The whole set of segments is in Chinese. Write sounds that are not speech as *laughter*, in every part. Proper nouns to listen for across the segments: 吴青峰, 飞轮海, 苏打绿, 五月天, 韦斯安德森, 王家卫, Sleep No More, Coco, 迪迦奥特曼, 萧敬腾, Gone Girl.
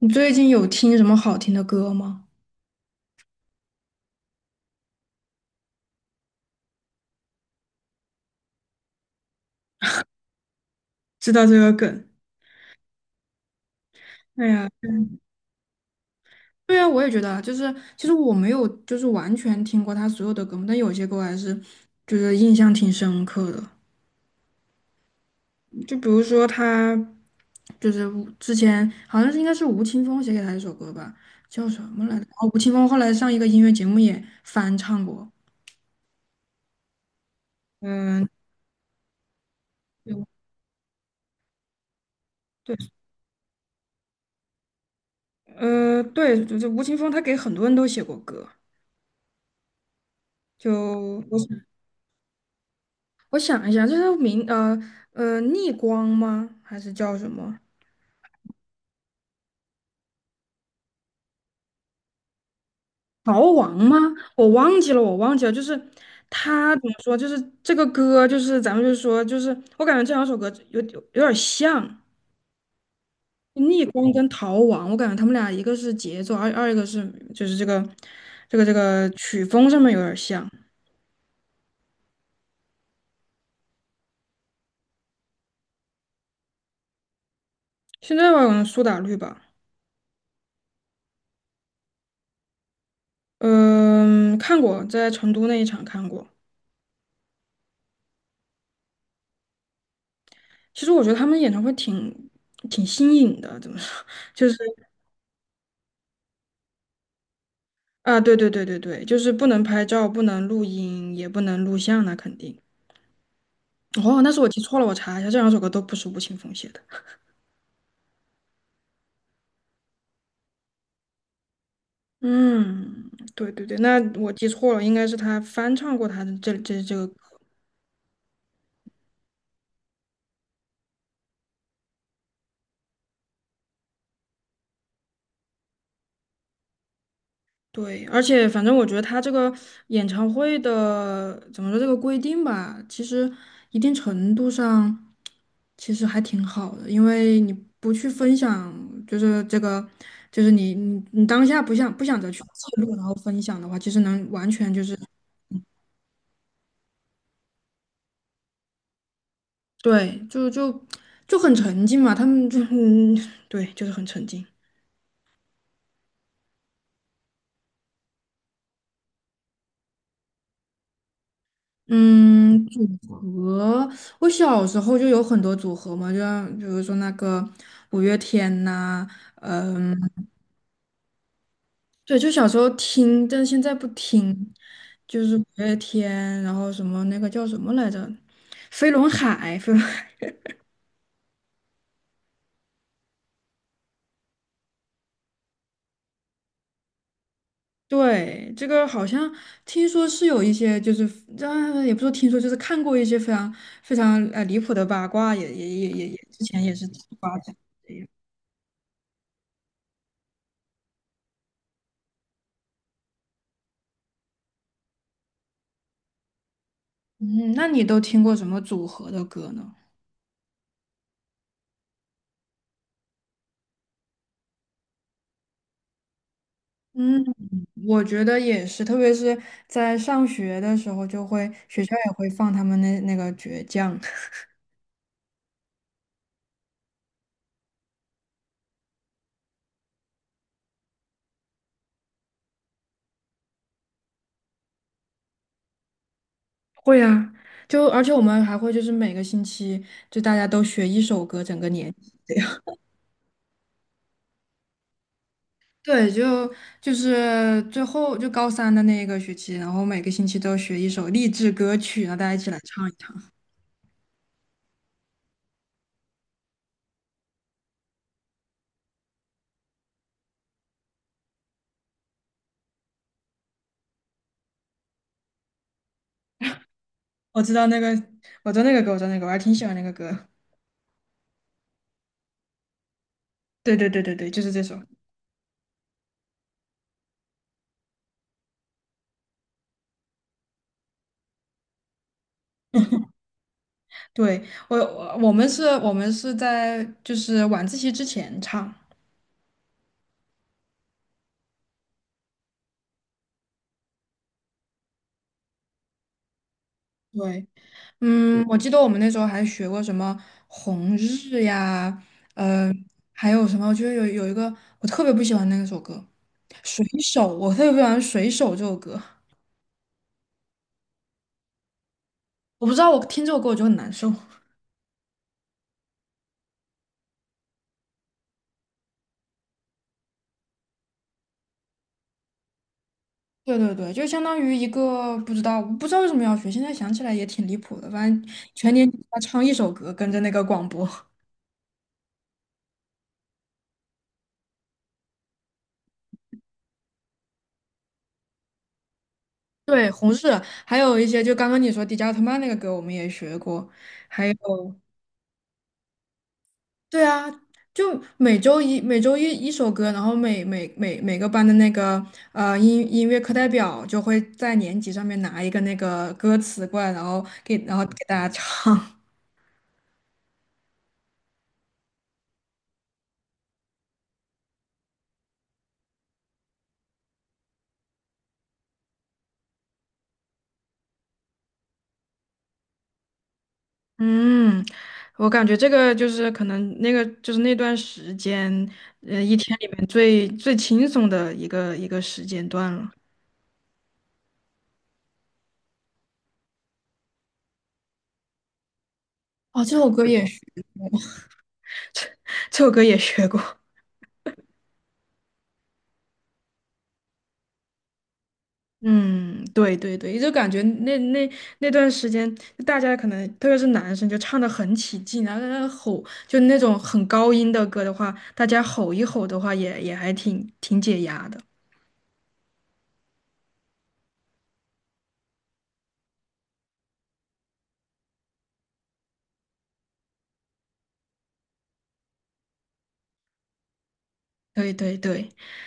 你最近有听什么好听的歌吗？知道这个梗。哎呀，对啊，我也觉得啊，就是其实我没有就是完全听过他所有的歌嘛，但有些歌我还是就是印象挺深刻的。就比如说他，就是吴之前好像是应该是吴青峰写给他一首歌吧，叫什么来着？哦，吴青峰后来上一个音乐节目也翻唱过。嗯，对，对，就是吴青峰，他给很多人都写过歌。就，我我想一下，这是明，逆光吗？还是叫什么逃亡吗？我忘记了，我忘记了。就是他怎么说？就是这个歌，就是咱们就是说，就是我感觉这两首歌有有点像逆光跟逃亡。我感觉他们俩一个是节奏，一个是就是这个这个曲风上面有点像。现在吧，可能苏打绿吧。嗯、看过，在成都那一场看过。其实我觉得他们演唱会挺挺新颖的，怎么说？*laughs* 就是。啊，对，就是不能拍照，不能录音，也不能录像，那肯定。哦，那是我记错了，我查一下，这两首歌都不是吴青峰写的。*laughs* 嗯，对，那我记错了，应该是他翻唱过他的这个。对，而且反正我觉得他这个演唱会的怎么说这个规定吧，其实一定程度上其实还挺好的。因为你不去分享，就是这个，就是你当下不想再去记录，然后分享的话，其实能完全就是对，就很沉浸嘛，他们就 *laughs* 嗯，对，就是很沉浸。嗯，组合。我小时候就有很多组合嘛，就像比如说那个五月天呐、嗯，对，就小时候听，但是现在不听，就是五月天，然后什么那个叫什么来着，飞轮海对，这个好像听说是有一些，就是啊，也不说听说，就是看过一些非常非常离谱的八卦，也也也也也之前也是八卦的。嗯，那你都听过什么组合的歌呢？嗯，我觉得也是，特别是在上学的时候，就会学校也会放他们那个倔强。*laughs* 会啊，就而且我们还会就是每个星期就大家都学一首歌，整个年级这样。*laughs* 对，就是最后就高三的那一个学期，然后每个星期都学一首励志歌曲，然后大家一起来唱一唱。*laughs* 我知道那个，我知道那个歌，我知道那个，我还挺喜欢那个歌。对，就是这首。对，我们是，我们是在就是晚自习之前唱。对，嗯，我记得我们那时候还学过什么红日呀，呃，还有什么，我觉得一个我特别不喜欢那首歌《水手》，我特别不喜欢《水手》这首歌，我不知道我听这首歌我就很难受。*laughs* 对，就相当于一个，不知道为什么要学，现在想起来也挺离谱的。反正全年级他唱一首歌，跟着那个广播。*laughs* 对，红日，还有一些，就刚刚你说迪迦奥特曼那个歌，我们也学过，还有。对啊，就每周一一首歌，然后每个班的那个音乐课代表就会在年级上面拿一个那个歌词过来，然后然后给大家唱。*laughs* 嗯，我感觉这个就是可能那个就是那段时间，呃，一天里面最轻松的一个时间段了。哦，这首歌也是 *laughs* 这首歌也学过。嗯，对对对，就感觉那段时间，大家可能特别是男生就唱的很起劲，然后在那吼，就那种很高音的歌的话，大家吼一吼的话也，也还挺挺解压的。对对对，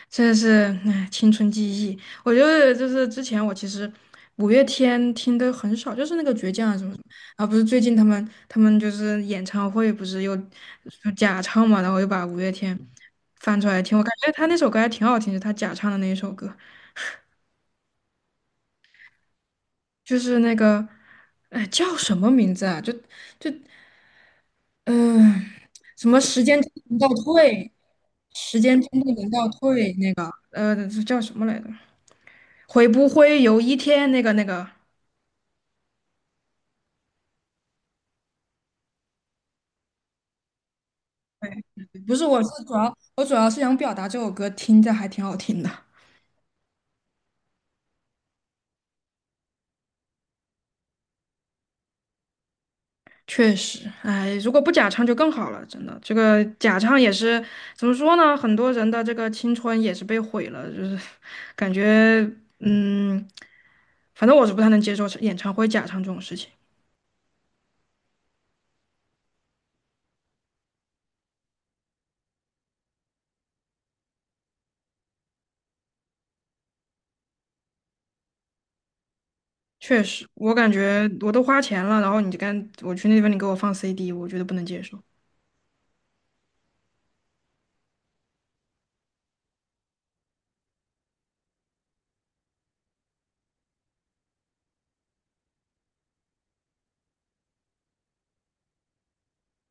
这是哎青春记忆。我觉得就是之前我其实五月天听的很少，就是那个倔强啊什么什么，然后不是最近他们就是演唱会不是又就假唱嘛，然后又把五月天翻出来听，我感觉他那首歌还挺好听的，他假唱的那一首歌，就是那个，哎，叫什么名字啊？就，嗯、什么时间真的能倒退，时间真的能倒退那个，叫什么来着？会不会有一天那个？不是，我主要是想表达这首歌听着还挺好听的。确实，哎，如果不假唱就更好了，真的。这个假唱也是怎么说呢？很多人的这个青春也是被毁了，就是感觉，嗯，反正我是不太能接受演唱会假唱这种事情。确实，我感觉我都花钱了，然后你就干，我去那边你给我放 CD,我觉得不能接受。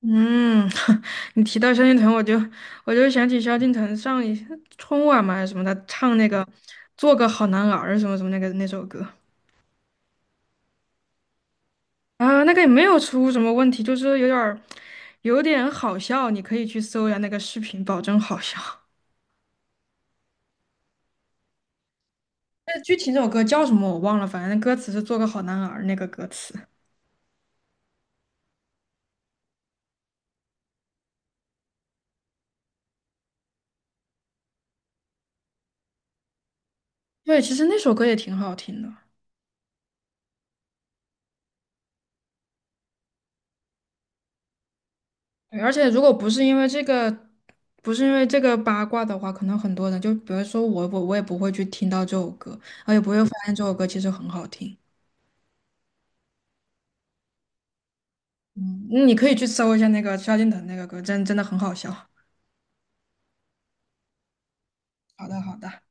嗯，*laughs* 你提到萧敬腾，我就想起萧敬腾上一春晚嘛还是什么，他唱那个《做个好男儿》什么什么那个那首歌。啊，那个也没有出什么问题，就是有点儿有点好笑，你可以去搜一下那个视频，保证好笑。*laughs* 那具体那首歌叫什么我忘了，反正歌词是“做个好男儿”那个歌词。对，其实那首歌也挺好听的。对，而且如果不是因为这个，不是因为这个八卦的话，可能很多人就比如说我，也不会去听到这首歌，我也不会发现这首歌其实很好听。嗯，你可以去搜一下那个萧敬腾那个歌，真真的很好笑。好的，好的。